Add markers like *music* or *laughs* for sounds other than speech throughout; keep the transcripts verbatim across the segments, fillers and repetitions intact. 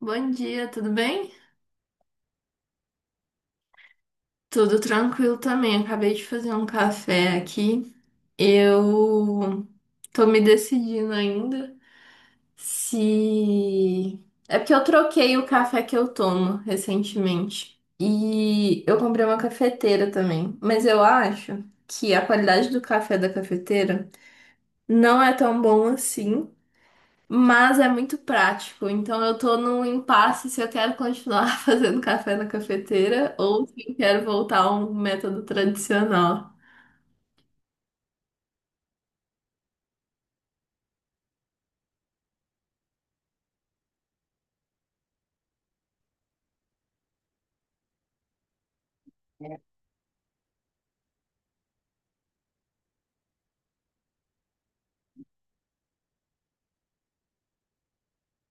Bom dia, tudo bem? Tudo tranquilo também. Acabei de fazer um café aqui. Eu tô me decidindo ainda se. É porque eu troquei o café que eu tomo recentemente. E eu comprei uma cafeteira também. Mas eu acho que a qualidade do café da cafeteira não é tão bom assim. Mas é muito prático, então eu tô num impasse se eu quero continuar *laughs* fazendo café na cafeteira ou se eu quero voltar a um método tradicional.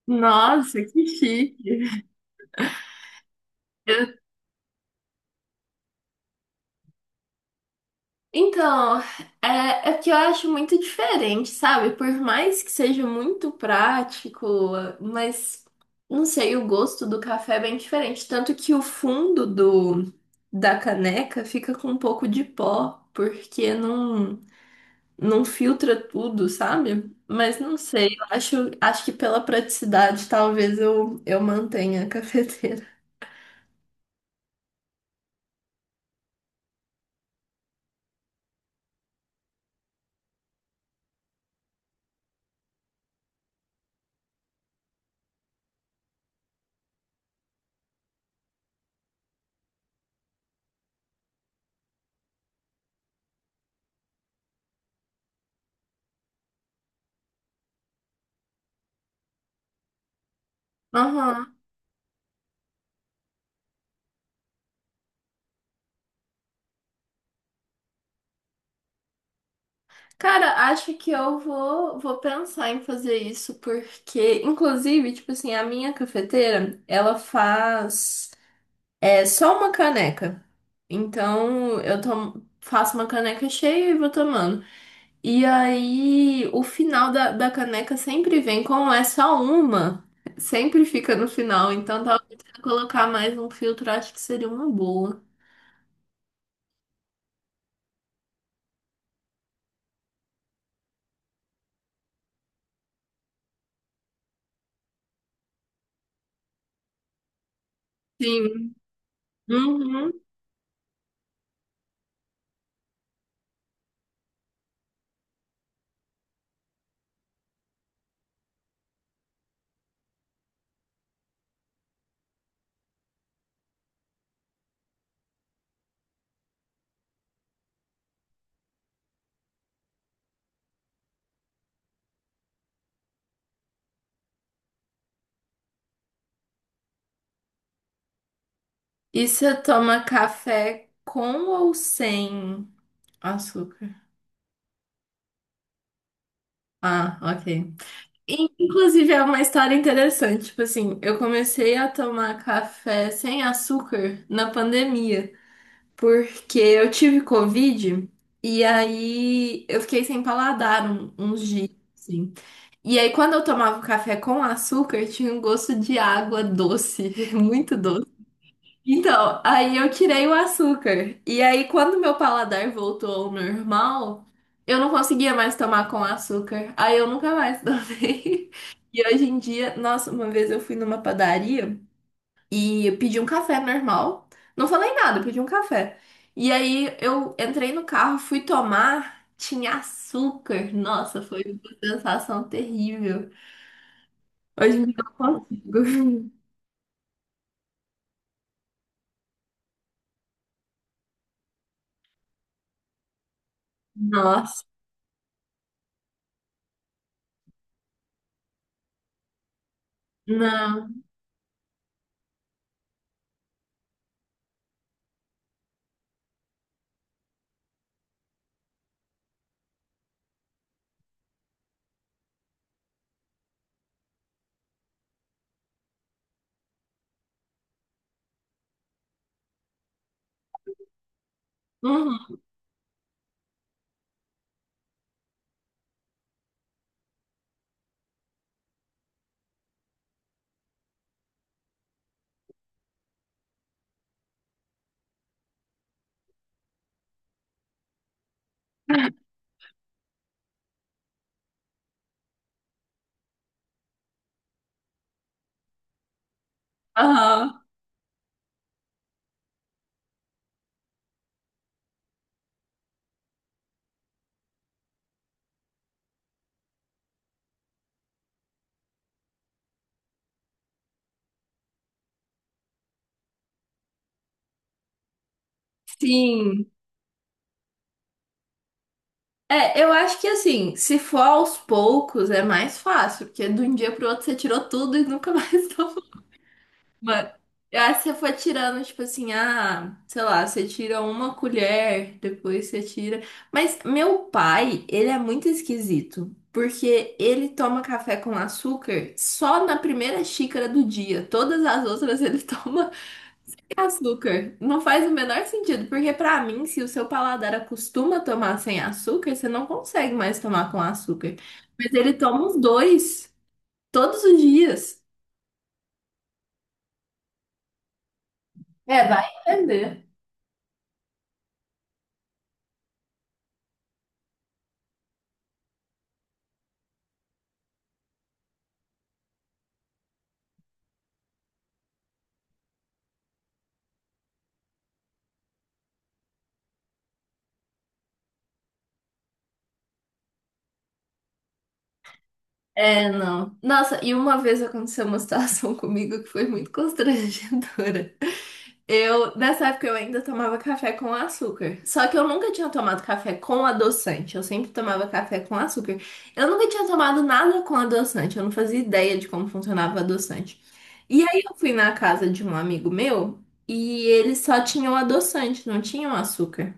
Nossa, que chique! Eu- Então, é, é que eu acho muito diferente, sabe? Por mais que seja muito prático, mas não sei, o gosto do café é bem diferente. Tanto que o fundo do, da caneca fica com um pouco de pó, porque não. não filtra tudo, sabe? Mas não sei, eu acho, acho que pela praticidade talvez eu, eu mantenha a *laughs* cafeteira. Aham. Cara, acho que eu vou, vou pensar em fazer isso, porque, inclusive, tipo assim, a minha cafeteira, ela faz é, só uma caneca. Então, eu tomo, faço uma caneca cheia e vou tomando. E aí, o final da, da caneca sempre vem como é só uma, sempre fica no final. Então, talvez se eu colocar mais um filtro, acho que seria uma boa. Sim. Uhum. E você toma café com ou sem açúcar? Ah, ok. Inclusive, é uma história interessante. Tipo assim, eu comecei a tomar café sem açúcar na pandemia porque eu tive Covid e aí eu fiquei sem paladar um- uns dias, assim. E aí quando eu tomava o café com açúcar, tinha um gosto de água doce, *laughs* muito doce. Então, aí eu tirei o açúcar. E aí quando meu paladar voltou ao normal, eu não conseguia mais tomar com açúcar. Aí eu nunca mais tomei. *laughs* E hoje em dia, nossa, uma vez eu fui numa padaria e eu pedi um café normal. Não falei nada, eu pedi um café. E aí eu entrei no carro, fui tomar, tinha açúcar. Nossa, foi uma sensação terrível. Hoje em dia eu não consigo. *laughs* Nossa, não. Uhum, aham, sim. É, eu acho que assim, se for aos poucos é mais fácil, porque de um dia pro outro você tirou tudo e nunca mais *laughs* tomou. Mano, aí você foi tirando, tipo assim, ah, sei lá, você tira uma colher, depois você tira. Mas meu pai, ele é muito esquisito, porque ele toma café com açúcar só na primeira xícara do dia. Todas as outras ele *laughs* toma sem açúcar. Não faz o menor sentido, porque pra mim, se o seu paladar acostuma a tomar sem açúcar, você não consegue mais tomar com açúcar. Mas ele toma os dois, todos os dias. É, vai entender. É, não. Nossa, e uma vez aconteceu uma situação *laughs* comigo que foi muito constrangedora. Eu, nessa época, eu ainda tomava café com açúcar. Só que eu nunca tinha tomado café com adoçante. Eu sempre tomava café com açúcar. Eu nunca tinha tomado nada com adoçante. Eu não fazia ideia de como funcionava o adoçante. E aí eu fui na casa de um amigo meu e eles só tinham adoçante, não tinham açúcar.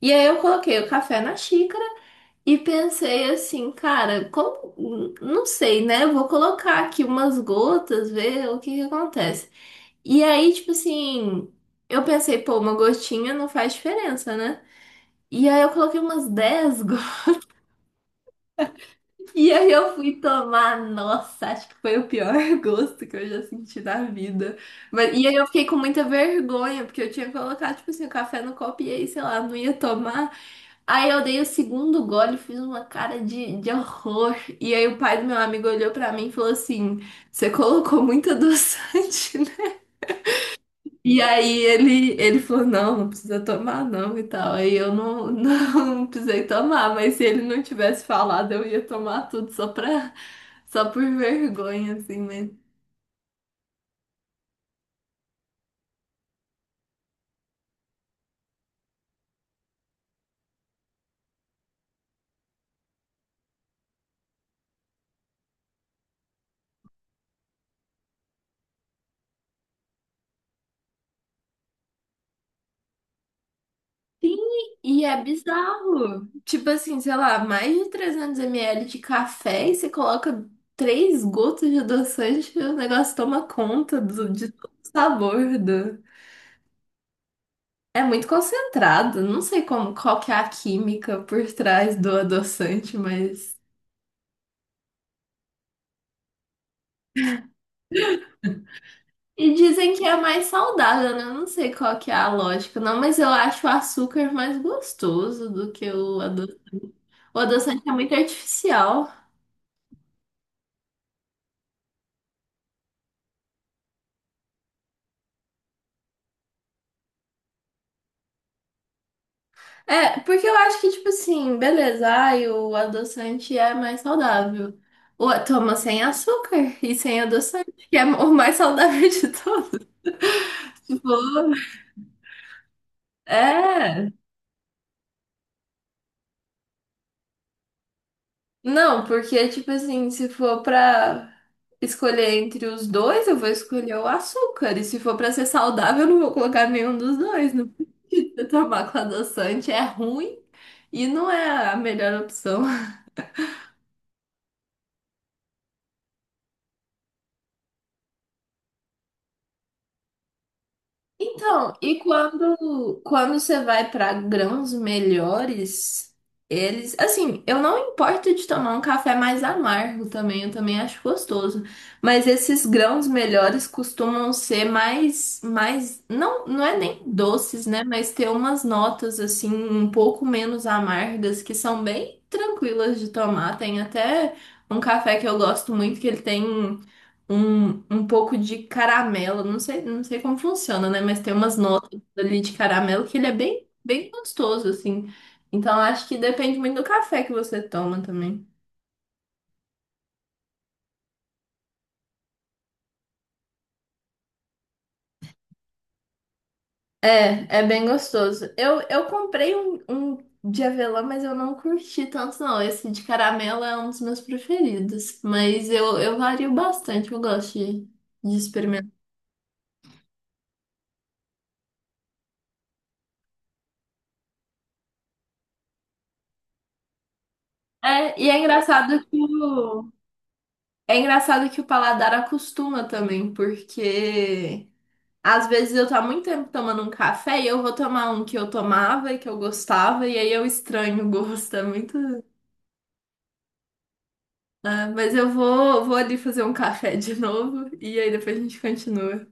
E aí eu coloquei o café na xícara. E pensei assim, cara, como, não sei, né? Vou colocar aqui umas gotas, ver o que que acontece. E aí, tipo assim, eu pensei, pô, uma gotinha não faz diferença, né? E aí eu coloquei umas dez gotas. *laughs* E aí eu fui tomar, nossa, acho que foi o pior *laughs* gosto que eu já senti na vida. Mas, e aí eu fiquei com muita vergonha, porque eu tinha colocado, tipo assim, o café no copo e aí, sei lá, não ia tomar. Aí eu dei o segundo gole, fiz uma cara de, de horror. E aí o pai do meu amigo olhou pra mim e falou assim: Você colocou muito adoçante, né? E aí ele, ele falou: Não, não precisa tomar, não, e tal. Aí eu não, não *laughs* precisei tomar, mas se ele não tivesse falado, eu ia tomar tudo só pra, só por vergonha, assim, mas sim, e é bizarro. Tipo assim, sei lá, mais de trezentos ml de café e você coloca três gotas de adoçante e o negócio toma conta do, de todo o sabor do... É muito concentrado. Não sei como, qual que é a química por trás do adoçante, mas... E dizem que é mais saudável, né? Eu não sei qual que é a lógica, não, mas eu acho o açúcar mais gostoso do que o adoçante. O adoçante é muito artificial. É, porque eu acho que, tipo assim, beleza, ai, o adoçante é mais saudável. O, toma sem açúcar e sem adoçante, que é o mais saudável de todos. *laughs* Tipo, é. Não, porque, tipo assim, se for pra escolher entre os dois, eu vou escolher o açúcar. E se for pra ser saudável, eu não vou colocar nenhum dos dois. Não precisa tomar com adoçante, é ruim e não é a melhor opção. Então, e quando, quando você vai para grãos melhores, eles, assim, eu não importo de tomar um café mais amargo também, eu também acho gostoso, mas esses grãos melhores costumam ser mais, mais, não, não é nem doces, né, mas ter umas notas assim um pouco menos amargas que são bem tranquilas de tomar. Tem até um café que eu gosto muito que ele tem um, um pouco de caramelo. Não sei, não sei como funciona, né? Mas tem umas notas ali de caramelo que ele é bem, bem gostoso, assim. Então acho que depende muito do café que você toma também. É, é bem gostoso. Eu, eu comprei um, um de avelã, mas eu não curti tanto, não. Esse de caramelo é um dos meus preferidos. Mas eu, eu vario bastante, eu gosto de, de experimentar. É, e é engraçado que o, é engraçado que o paladar acostuma também, porque às vezes eu tô há muito tempo tomando um café e eu vou tomar um que eu tomava e que eu gostava, e aí eu estranho o gosto, é muito. Ah, mas eu vou, vou ali fazer um café de novo e aí depois a gente continua.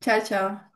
Tchau, tchau.